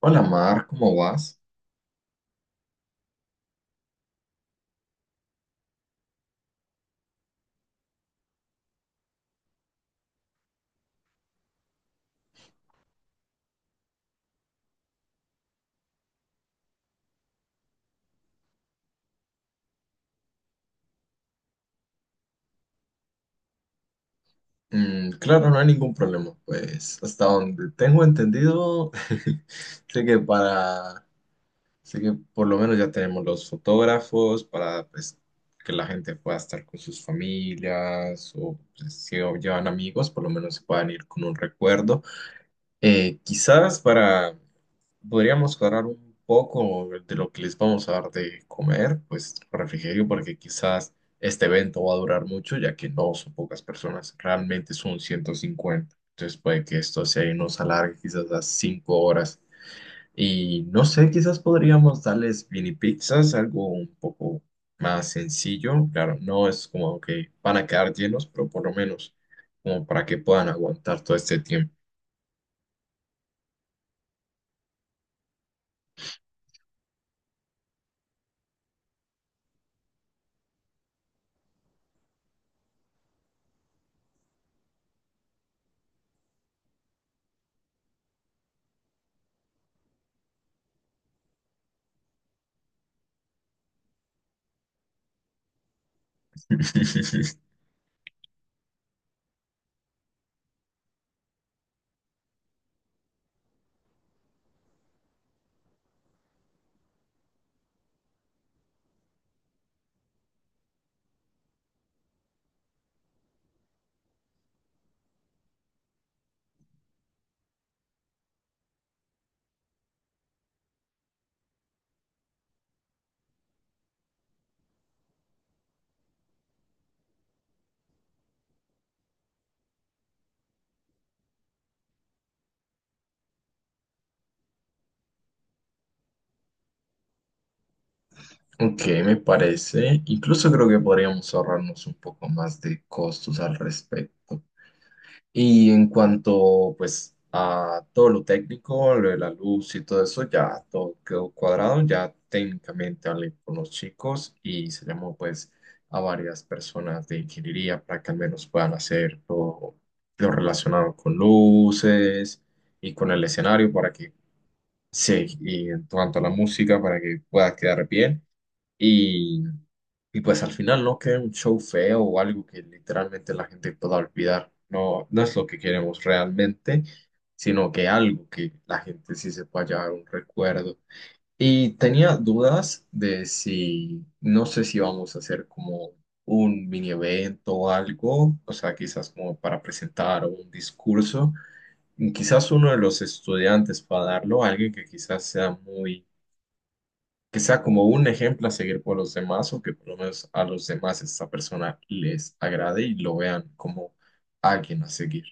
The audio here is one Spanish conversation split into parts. Hola Mar, ¿cómo vas? Mm, claro, no hay ningún problema, pues hasta donde tengo entendido, sé que para, sé que por lo menos ya tenemos los fotógrafos para pues, que la gente pueda estar con sus familias o pues, si o llevan amigos, por lo menos se puedan ir con un recuerdo. Quizás podríamos cuadrar un poco de lo que les vamos a dar de comer, pues refrigerio, porque quizás este evento va a durar mucho, ya que no son pocas personas, realmente son 150. Entonces puede que esto se nos alargue quizás a 5 horas. Y no sé, quizás podríamos darles mini pizzas, algo un poco más sencillo. Claro, no es como que van a quedar llenos, pero por lo menos como para que puedan aguantar todo este tiempo. Ok, me parece. Incluso creo que podríamos ahorrarnos un poco más de costos al respecto. Y en cuanto, pues, a todo lo técnico, lo de la luz y todo eso, ya todo quedó cuadrado. Ya técnicamente hablé con los chicos y se llamó, pues, a varias personas de ingeniería para que al menos puedan hacer todo lo relacionado con luces y con el escenario para que, sí, y en cuanto a la música, para que pueda quedar bien. Y y pues al final no queda un show feo o algo que literalmente la gente pueda olvidar. No, no es lo que queremos realmente, sino que algo que la gente sí se pueda llevar un recuerdo. Y tenía dudas de si, no sé si vamos a hacer como un mini evento o algo, o sea, quizás como para presentar un discurso. Y quizás uno de los estudiantes para darlo, alguien que quizás sea muy que sea como un ejemplo a seguir por los demás o que por lo menos a los demás esta persona les agrade y lo vean como alguien a seguir.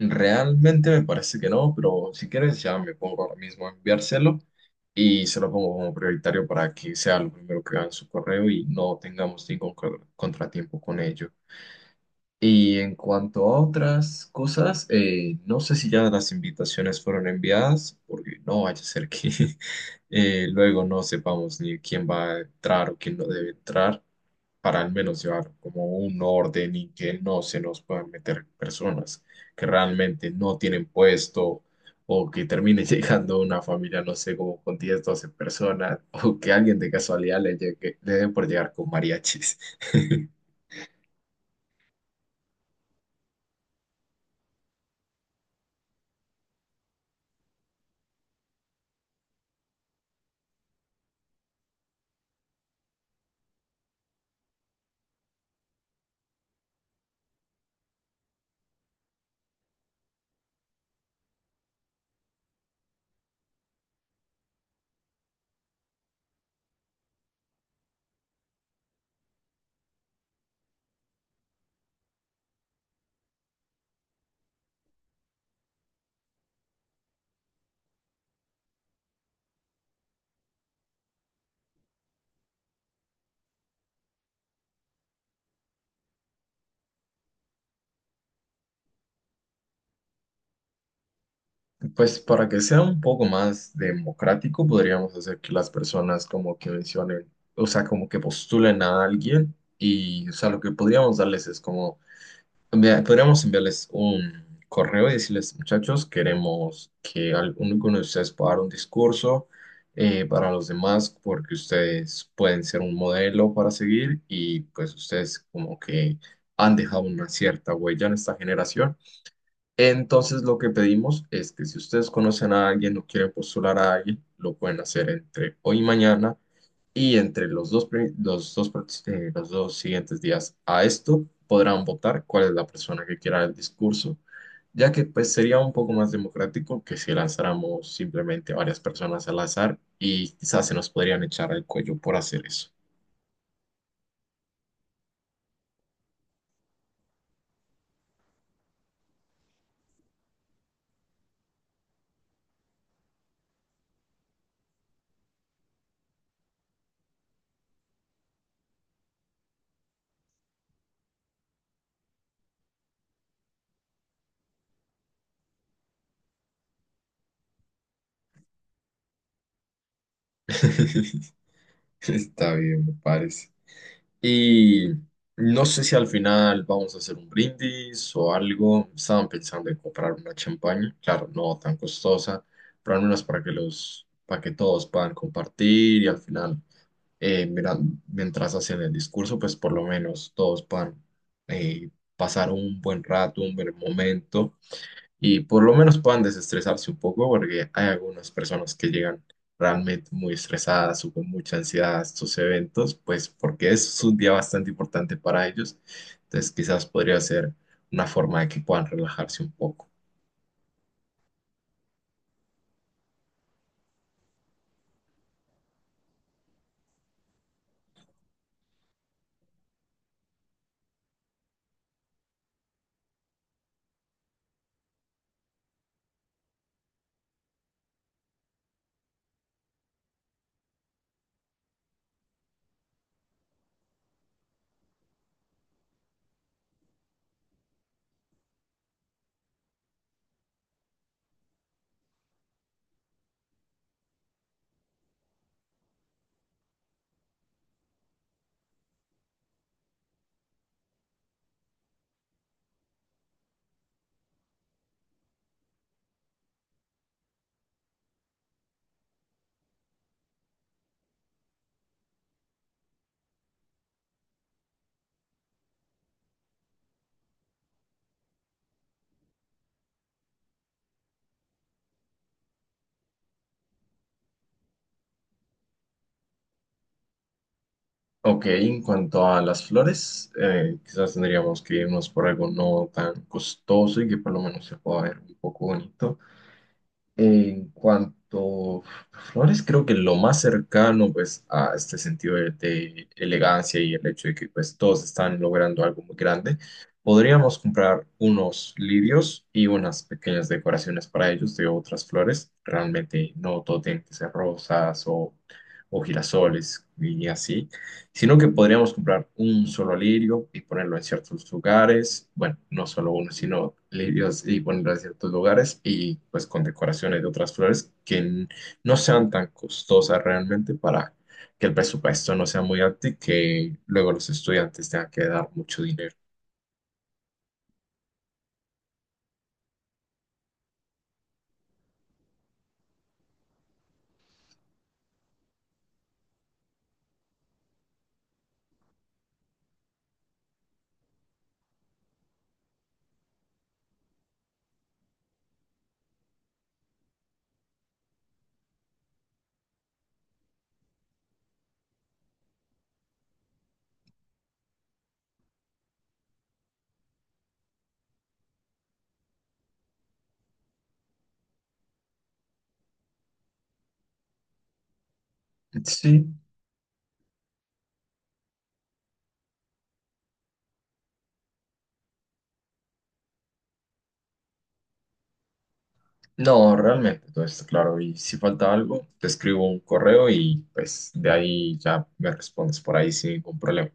Realmente me parece que no, pero si quieres ya me pongo ahora mismo a enviárselo y se lo pongo como prioritario para que sea lo primero que vean en su correo y no tengamos ningún contratiempo con ello. Y en cuanto a otras cosas, no sé si ya las invitaciones fueron enviadas, porque no vaya a ser que luego no sepamos ni quién va a entrar o quién no debe entrar, para al menos llevar como un orden y que no se nos puedan meter personas que realmente no tienen puesto o que termine llegando una familia, no sé, como con 10 12 personas, o que alguien de casualidad le llegue, le dé por llegar con mariachis. Pues para que sea un poco más democrático, podríamos hacer que las personas como que mencionen, o sea, como que postulen a alguien y, o sea, lo que podríamos darles es como, podríamos enviarles un correo y decirles, muchachos, queremos que alguno de ustedes pueda dar un discurso, para los demás, porque ustedes pueden ser un modelo para seguir y pues ustedes como que han dejado una cierta huella en esta generación. Entonces, lo que pedimos es que si ustedes conocen a alguien o quieren postular a alguien, lo pueden hacer entre hoy y mañana y entre los dos, pri- los dos, prox- los dos siguientes días a esto podrán votar cuál es la persona que quiera el discurso, ya que pues sería un poco más democrático que si lanzáramos simplemente varias personas al azar y quizás se nos podrían echar al cuello por hacer eso. Está bien, me parece. Y no sé si al final vamos a hacer un brindis o algo. Estaban pensando en comprar una champaña, claro, no tan costosa, pero al menos para que los, para que todos puedan compartir y al final, mira, mientras hacen el discurso, pues por lo menos todos puedan eh, pasar un buen rato, un buen momento y por lo menos puedan desestresarse un poco, porque hay algunas personas que llegan realmente muy estresadas o con mucha ansiedad a estos eventos, pues porque es un día bastante importante para ellos. Entonces, quizás podría ser una forma de que puedan relajarse un poco. Ok, en cuanto a las flores, quizás tendríamos que irnos por algo no tan costoso y que por lo menos se pueda ver un poco bonito. En cuanto a flores, creo que lo más cercano pues a este sentido de elegancia y el hecho de que pues todos están logrando algo muy grande, podríamos comprar unos lirios y unas pequeñas decoraciones para ellos de otras flores. Realmente no todo tiene que ser rosas o girasoles y así, sino que podríamos comprar un solo lirio y ponerlo en ciertos lugares, bueno, no solo uno, sino lirios y ponerlo en ciertos lugares y pues con decoraciones de otras flores que no sean tan costosas realmente, para que el presupuesto no sea muy alto y que luego los estudiantes tengan que dar mucho dinero. Sí, no, realmente todo está claro y si falta algo, te escribo un correo y pues de ahí ya me respondes por ahí sin ningún problema.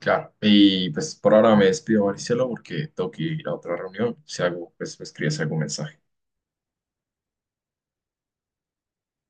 Claro, y pues por ahora me despido, Maricelo, porque tengo que ir a otra reunión. Si algo, pues me escribes algún mensaje.